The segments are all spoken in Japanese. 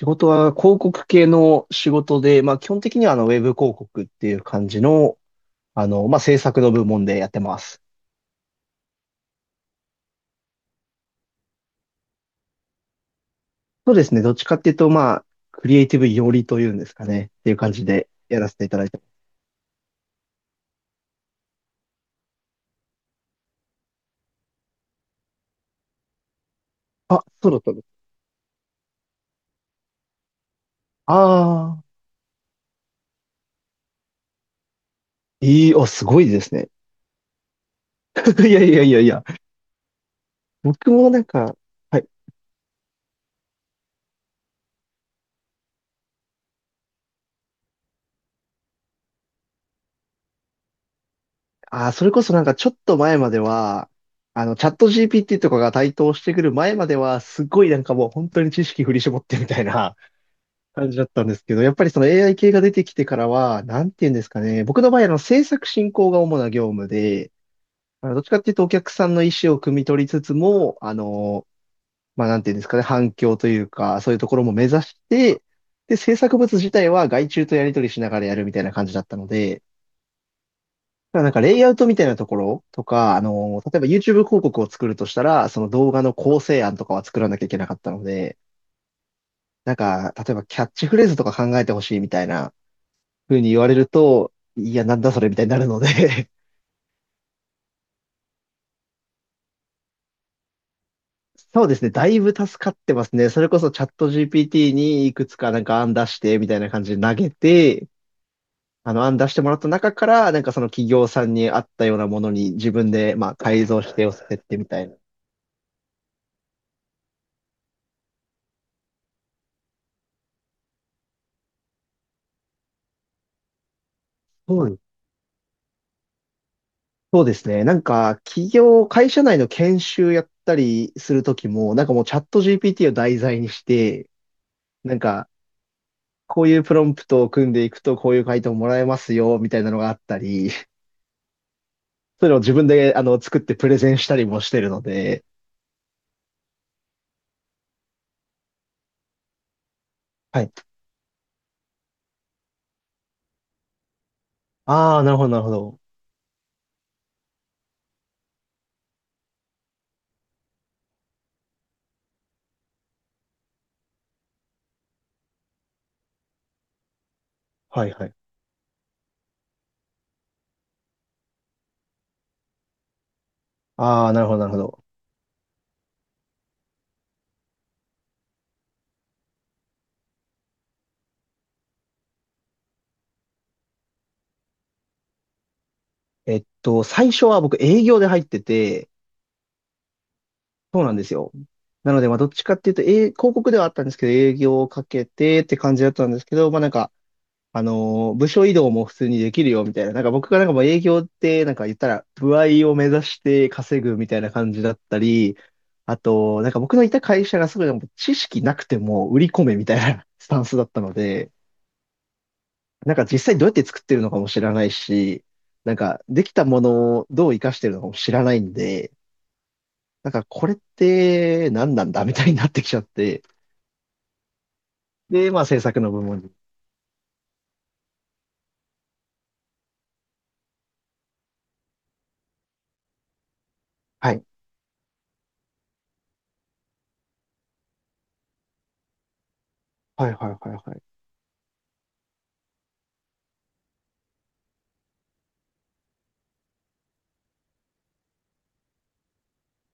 仕事は広告系の仕事で、まあ基本的にはウェブ広告っていう感じの、まあ制作の部門でやってます。そうですね。どっちかっていうと、まあ、クリエイティブ寄りというんですかね。っていう感じでやらせていただいてます。あ、そうだったんです。ああ、いい、あ、すごいですね。いやいやいやいや。僕もなんか、はい。あー、それこそなんかちょっと前までは、チャット GPT とかが台頭してくる前までは、すごいなんかもう本当に知識振り絞ってみたいな感じだったんですけど、やっぱりその AI 系が出てきてからは、なんて言うんですかね。僕の場合、制作進行が主な業務で、あのどっちかっていうとお客さんの意思を汲み取りつつも、まあ、なんて言うんですかね、反響というか、そういうところも目指して、で、制作物自体は外注とやり取りしながらやるみたいな感じだったので、だからなんかレイアウトみたいなところとか、例えば YouTube 広告を作るとしたら、その動画の構成案とかは作らなきゃいけなかったので、なんか、例えばキャッチフレーズとか考えてほしいみたいな、ふうに言われると、いや、なんだそれみたいになるので そうですね。だいぶ助かってますね。それこそチャット GPT にいくつかなんか案出してみたいな感じで投げて、あの案出してもらった中から、なんかその企業さんに合ったようなものに自分でまあ改造して寄せてってみたいな。そうですそうですね。なんか企業、会社内の研修やったりするときも、なんかもうチャット GPT を題材にして、なんかこういうプロンプトを組んでいくとこういう回答もらえますよみたいなのがあったり、それを自分で、作ってプレゼンしたりもしてるので、はい。ああ、なるほど、なるほど。はい、はい。ああ、なるほど、なるほど。えっと、最初は僕営業で入ってて、そうなんですよ。なので、まあ、どっちかっていうと、広告ではあったんですけど、営業をかけてって感じだったんですけど、まあ、なんか、部署移動も普通にできるよみたいな。なんか僕がなんかもう営業ってなんか言ったら歩合を目指して稼ぐみたいな感じだったり、あと、なんか僕のいた会社がすごいなんか知識なくても売り込めみたいな スタンスだったので、なんか実際どうやって作ってるのかも知らないし、なんかできたものをどう活かしてるのかも知らないんで、なんかこれって何なんだみたいになってきちゃって、で、まあ制作の部門に。はい。はいはいはいはい。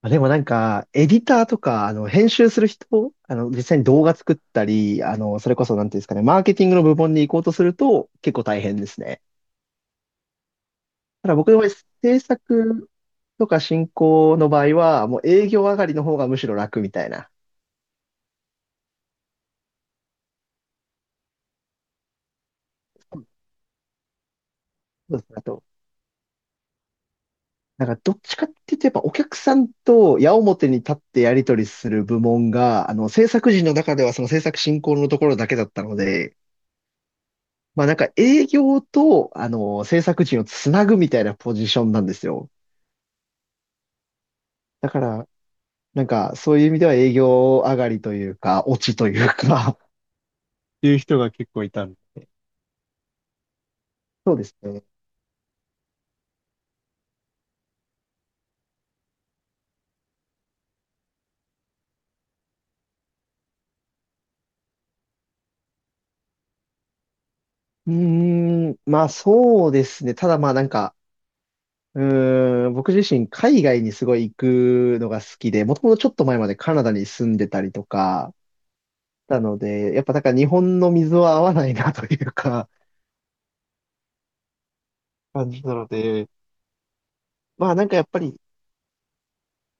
あ、でもなんか、エディターとか、編集する人、実際に動画作ったり、それこそ、なんていうんですかね、マーケティングの部門に行こうとすると、結構大変ですね。ただ僕の場合、制作とか進行の場合は、もう営業上がりの方がむしろ楽みたいな。そうですねあと、なんかどっちかっていうと、やっぱお客さんと矢面に立ってやり取りする部門が、制作陣の中ではその制作進行のところだけだったので、まあなんか営業と、制作陣をつなぐみたいなポジションなんですよ。だから、なんかそういう意味では営業上がりというか、落ちというか っていう人が結構いたんでそうですね。うーん、まあそうですね。ただまあなんか、うーん、僕自身海外にすごい行くのが好きで、もともとちょっと前までカナダに住んでたりとか、なので、やっぱなんか日本の水は合わないなというか、感じなので、まあなんかやっぱり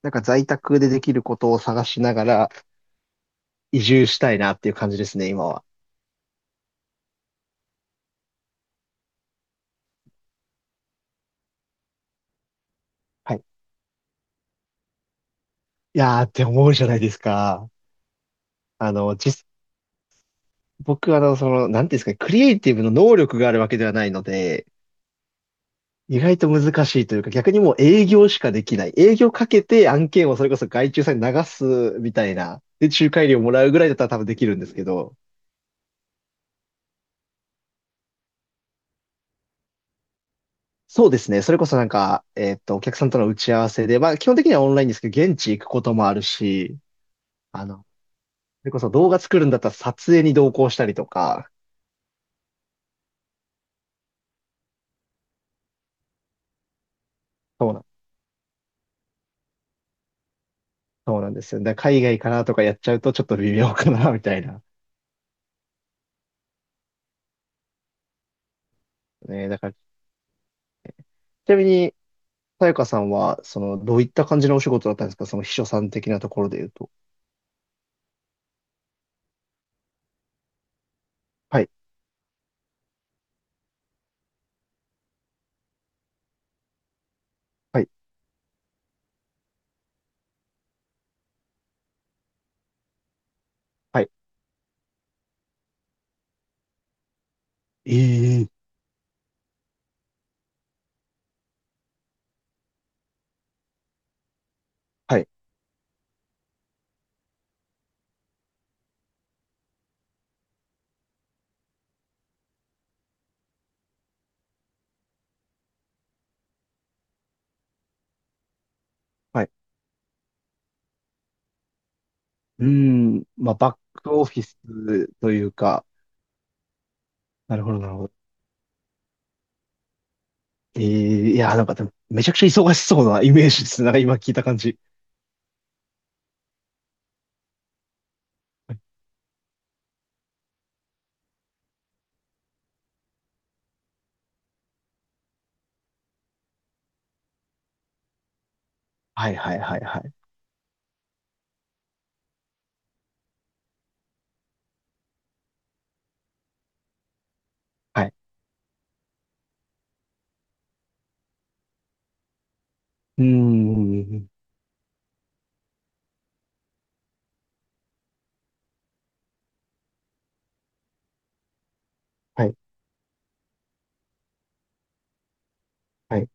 なんか在宅でできることを探しながら移住したいなっていう感じですね、今は。はい。いやーって思うじゃないですか。あの、実、僕あの、その、なんていうんですかね、クリエイティブの能力があるわけではないので、意外と難しいというか、逆にもう営業しかできない。営業かけて案件をそれこそ外注さんに流すみたいな。で、仲介料もらうぐらいだったら多分できるんですけど。そうですね。それこそなんか、えーっと、お客さんとの打ち合わせで、まあ基本的にはオンラインですけど、現地行くこともあるし、あの、それこそ動画作るんだったら撮影に同行したりとか、そうなん、そうなんですよ。だから海外かなとかやっちゃうとちょっと微妙かな、みたいな。ね、だから、ちなみに、さやかさんは、その、どういった感じのお仕事だったんですかその秘書さん的なところで言うと。はい、はい、はい。ええ、はい、はい。うーん、まあ、バックオフィスというか、なるほど、なるほど。ええ、いや、なんかでも、めちゃくちゃ忙しそうなイメージですね。なんか今聞いた感じ。はい、はい、はい、はい。はい。うーん、はい、はい。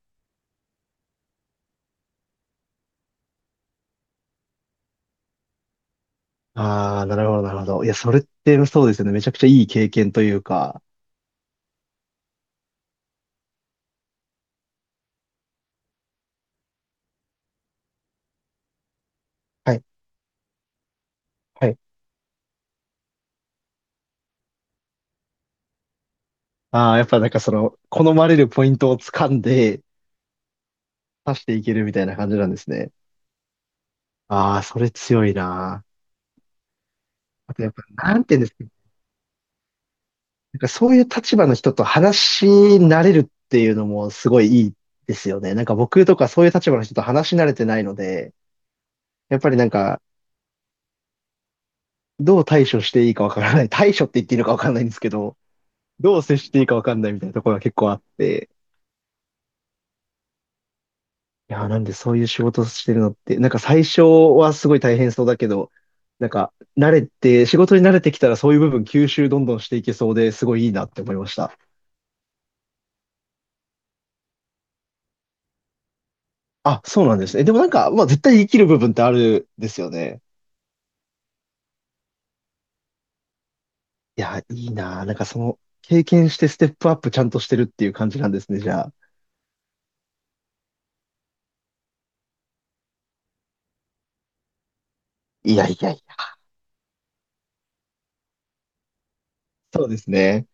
ああ、なるほど、なるほど。いや、それってそうですよね。めちゃくちゃいい経験というか、はい、はい、ああ、やっぱなんかその、好まれるポイントを掴んで、刺していけるみたいな感じなんですね。ああ、それ強いな。あとやっぱ、なんていうんですか。なんかそういう立場の人と話し慣れるっていうのもすごいいいですよね。なんか僕とかそういう立場の人と話し慣れてないので、やっぱりなんか、どう対処していいかわからない。対処って言っていいのかわかんないんですけど、どう接していいかわかんないみたいなところが結構あって、いやー、なんでそういう仕事してるのって、なんか最初はすごい大変そうだけど、なんか慣れて、仕事に慣れてきたらそういう部分吸収どんどんしていけそうですごいいいなって思いました。あ、そうなんですね。でもなんか、まあ絶対生きる部分ってあるですよね。いや、いいなー。なんかその経験してステップアップちゃんとしてるっていう感じなんですね、じゃあ。いやいやいや。そうですね。